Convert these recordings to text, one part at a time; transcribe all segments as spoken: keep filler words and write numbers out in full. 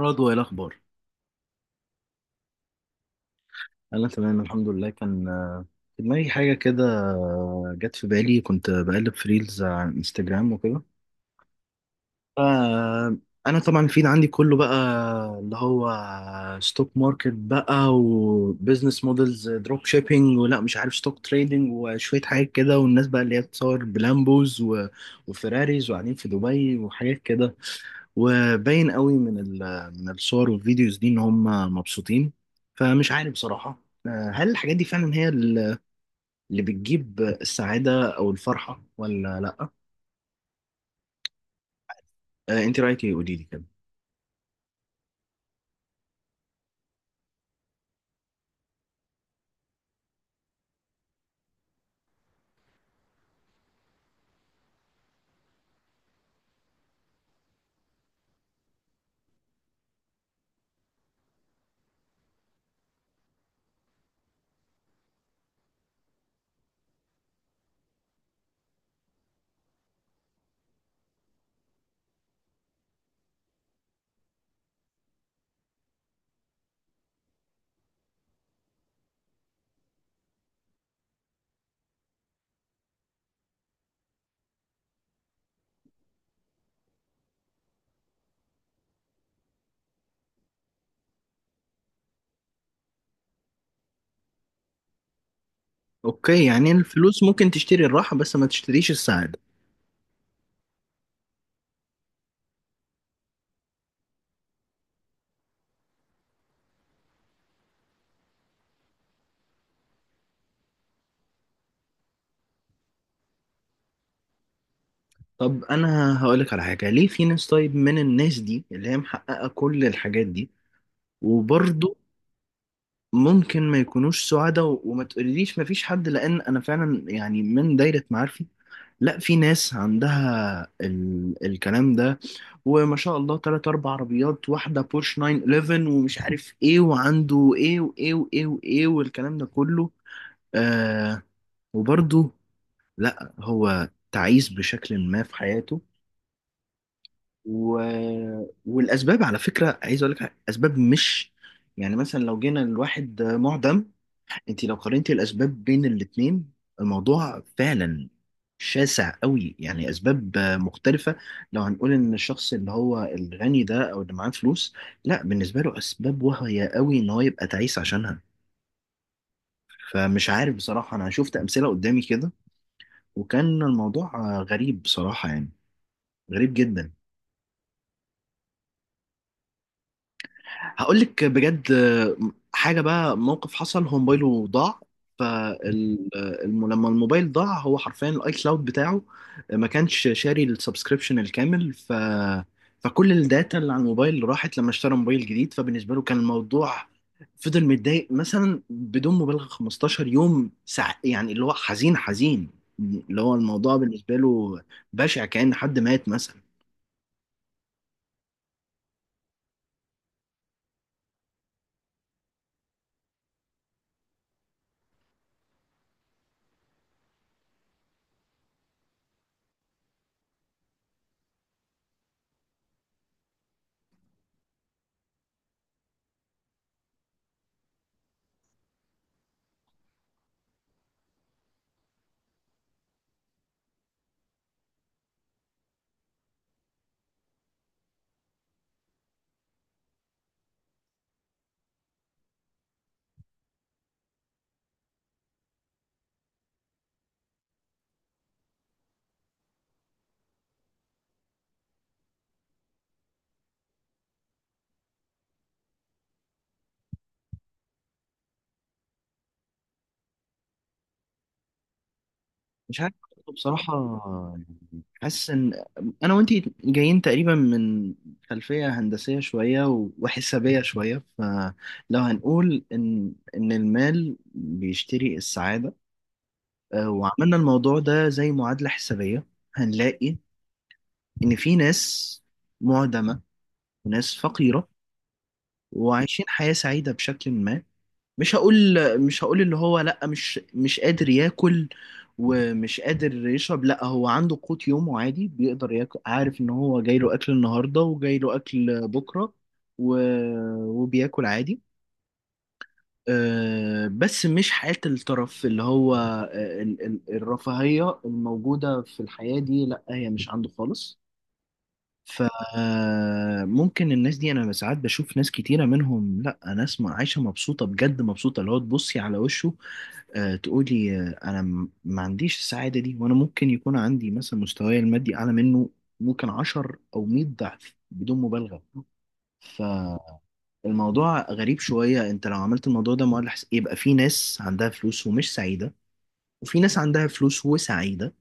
رضوى، ايه الاخبار؟ انا تمام الحمد لله. كان آه، في دماغي حاجه كده، آه، جت في بالي. كنت بقلب في ريلز على انستجرام وكده. آه، انا طبعا الفيد عندي كله بقى اللي هو ستوك ماركت بقى وبزنس مودلز، دروب شيبينج، ولا مش عارف ستوك تريدنج وشويه حاجات كده. والناس بقى اللي هي بتصور بلامبوز و- وفيراريز وقاعدين في دبي وحاجات كده، وباين قوي من ال- من الصور والفيديوز دي ان هم مبسوطين. فمش عارف بصراحة، آه، هل الحاجات دي فعلا هي ال- اللي بتجيب السعادة او الفرحة ولا لا؟ آه، انت رأيك ايه، قولي لي كده. اوكي، يعني الفلوس ممكن تشتري الراحة بس ما تشتريش السعادة. طب انا هقولك على حاجة، ليه في ناس طيب من الناس دي اللي هي محققة كل الحاجات دي وبرضه ممكن ما يكونوش سعداء؟ و- وما تقوليليش ما فيش حد، لان انا فعلا يعني من دايرة معارفي، لا، في ناس عندها ال... الكلام ده، وما شاء الله تلات أربع عربيات، واحدة بورش نايِن ون ون، ومش عارف إيه، وعنده إيه وإيه وإيه وإيه والكلام ده كله، آه وبرضه لا، هو تعيس بشكل ما في حياته. و... والأسباب على فكرة، عايز أقول لك حاجة، أسباب مش يعني مثلا لو جينا الواحد معدم، انت لو قارنتي الاسباب بين الاتنين، الموضوع فعلا شاسع قوي، يعني اسباب آه، مختلفه. لو هنقول ان الشخص اللي هو الغني ده او اللي معاه فلوس، لا، بالنسبه له اسباب واهيه قوي ان هو يبقى تعيس عشانها. فمش عارف بصراحه، انا شفت امثله قدامي كده، وكان الموضوع آه، غريب بصراحه، يعني غريب جدا. هقول لك بجد حاجه بقى. موقف حصل، هو موبايله ضاع. فلما الموبايل ضاع، هو حرفيا الاي كلاود بتاعه ما كانش شاري السبسكريبشن الكامل، ف فكل الداتا اللي على الموبايل راحت. لما اشترى موبايل جديد، فبالنسبه له كان الموضوع، فضل متضايق مثلا بدون مبالغه 15 يوم، سع... يعني اللي هو حزين حزين، اللي هو الموضوع بالنسبه له بشع، كأن حد مات. مش عارف بصراحة، يعني حاسس إن أنا وأنتي جايين تقريبا من خلفية هندسية شوية و- وحسابية شوية. فلو هنقول إن إن المال بيشتري السعادة، آه، وعملنا الموضوع ده زي معادلة حسابية، هنلاقي إن في ناس معدمة وناس فقيرة وعايشين حياة سعيدة بشكل ما. مش هقول مش هقول اللي هو لا، مش مش قادر ياكل ومش قادر يشرب، لا، هو عنده قوت يومه عادي، بيقدر ياكل، عارف ان هو جاي له اكل النهارده وجاي له اكل بكره، و... وبياكل عادي. أه، بس مش حياة الترف. اللي هو آه، ال- ال- الرفاهية الموجودة في الحياة دي، لا، هي مش عنده خالص. فممكن الناس دي، انا ساعات بشوف ناس كتيرة منهم، لا ناس ما- عايشة مبسوطة، بجد مبسوطة، اللي هو تبصي على وشه، آه، تقولي، آه، انا م- ما عنديش السعاده دي، وانا ممكن يكون عندي مثلا مستواي المادي اعلى منه، ممكن عشر او مئة ضعف بدون مبالغه. فالموضوع غريب شويه، انت لو عملت الموضوع ده مؤلم، حس- يبقى في ناس عندها فلوس ومش سعيده، وفي ناس عندها فلوس وسعيده،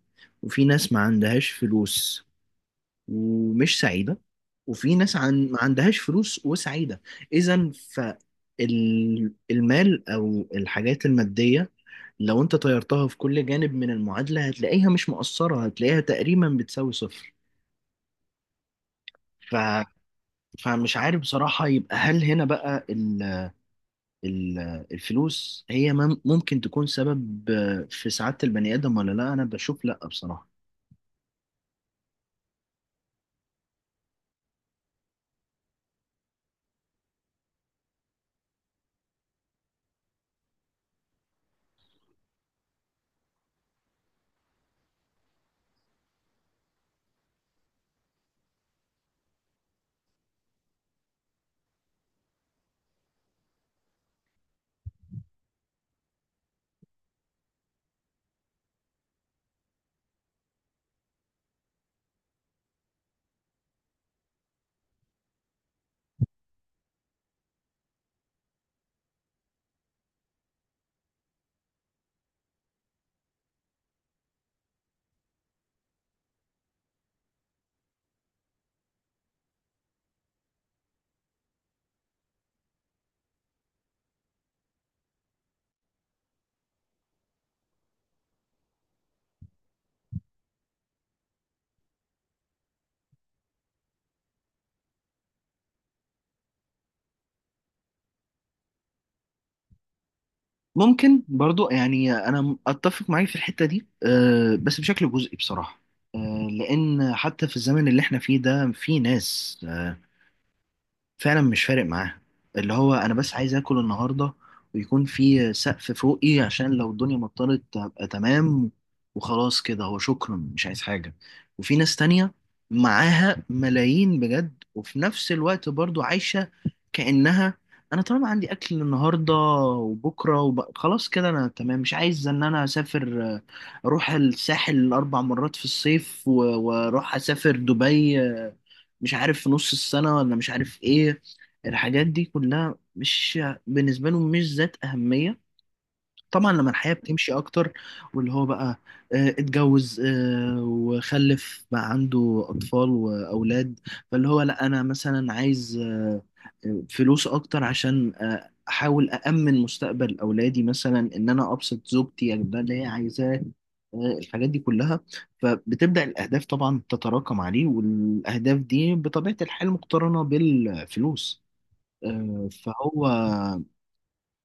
وفي ناس ما عندهاش فلوس ومش سعيده، وفي ناس عن ما عندهاش فلوس وسعيده. اذا فالمال او الحاجات الماديه، لو انت طيرتها في كل جانب من المعادلة، هتلاقيها مش مقصرة، هتلاقيها تقريبا بتساوي صفر. ف... فمش عارف بصراحة. يبقى هل هنا بقى ال... ال... الفلوس هي مم... ممكن تكون سبب في سعادة البني آدم ولا لا؟ أنا بشوف لا بصراحة. ممكن برضو، يعني أنا أتفق معاك في الحتة دي، أه بس بشكل جزئي بصراحة. أه، لأن حتى في الزمن اللي احنا فيه ده في ناس آه، فعلا مش فارق معاها، اللي هو انا بس عايز اكل النهارده، ويكون في سقف فوقي عشان لو الدنيا مطرت ابقى تمام، وخلاص كده هو، شكرا، مش عايز حاجه. وفي ناس تانية معاها ملايين بجد، وفي نفس الوقت برضو عايشه كانها، انا طالما عندي اكل النهارده وبكره وب... خلاص كده انا تمام، مش عايز ان انا اسافر، آه، اروح الساحل اربع مرات في الصيف و- واروح اسافر دبي، مش عارف في نص السنة ولا مش عارف ايه، الحاجات دي كلها مش بالنسبة لهم مش ذات أهمية. طبعا لما الحياة بتمشي أكتر، واللي هو بقى آه، اتجوز آه، وخلف، بقى عنده أطفال وأولاد، فاللي هو لأ، أنا مثلا عايز آه، آه، فلوس أكتر عشان آه، أحاول أأمن مستقبل أولادي، مثلا إن أنا أبسط زوجتي، أجيب لها اللي هي عايزاه، آه، الحاجات دي كلها. فبتبدأ الأهداف طبعا تتراكم عليه، والأهداف دي بطبيعة الحال مقترنة بالفلوس. آه، فهو،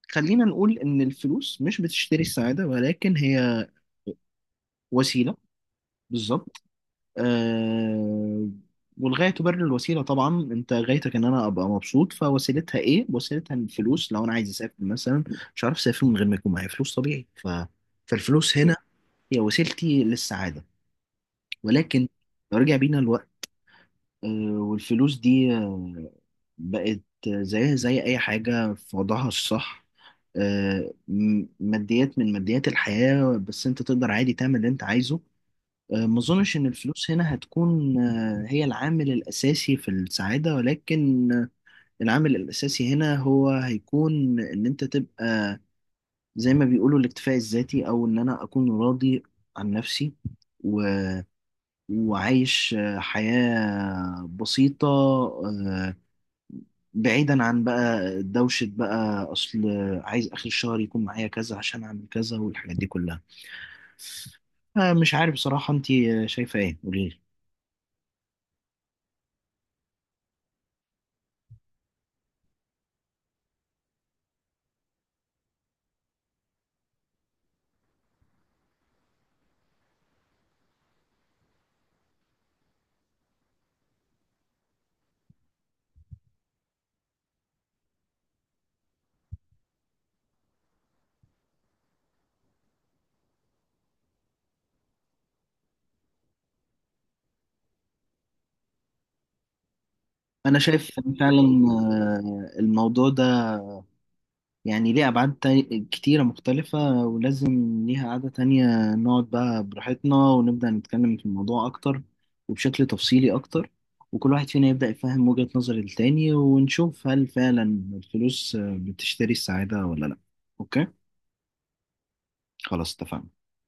خلينا نقول إن الفلوس مش بتشتري السعادة، ولكن هي وسيلة. بالظبط. آه، والغاية تبرر الوسيلة طبعا. أنت غايتك إن أنا أبقى مبسوط، فوسيلتها إيه؟ وسيلتها الفلوس. لو أنا عايز أسافر مثلا، مش عارف أسافر من غير ما يكون معايا فلوس، طبيعي. ف... فالفلوس هنا هي وسيلتي للسعادة. ولكن لو رجع بينا، آه، والفلوس دي آه، بقت زيها زي أي حاجة في وضعها الصح، آه، م- ماديات من ماديات الحياة، بس أنت تقدر عادي تعمل اللي أنت عايزه. آه، ما أظنش إن الفلوس هنا هتكون آه، هي العامل الأساسي في السعادة، ولكن آه، العامل الأساسي هنا هو هيكون إن أنت تبقى، زي ما بيقولوا، الاكتفاء الذاتي، أو إن أنا أكون راضي عن نفسي و- وعايش آه، حياة بسيطة، آه، بعيدا عن بقى دوشة بقى أصل عايز آخر الشهر يكون معايا كذا عشان أعمل كذا والحاجات دي كلها. آه، مش عارف بصراحة، أنت شايفة إيه، قوليلي. أنا شايف فعلا آه، الموضوع ده يعني ليه أبعاد تا- كتيرة مختلفة، ولازم ليها قعدة تانية، نقعد بقى براحتنا، ونبدأ نتكلم في الموضوع أكتر وبشكل تفصيلي أكتر، وكل واحد فينا يبدأ يفهم وجهة نظر التاني، ونشوف هل فعلا الفلوس آه، بتشتري السعادة ولا لأ. أوكي؟ خلاص اتفقنا.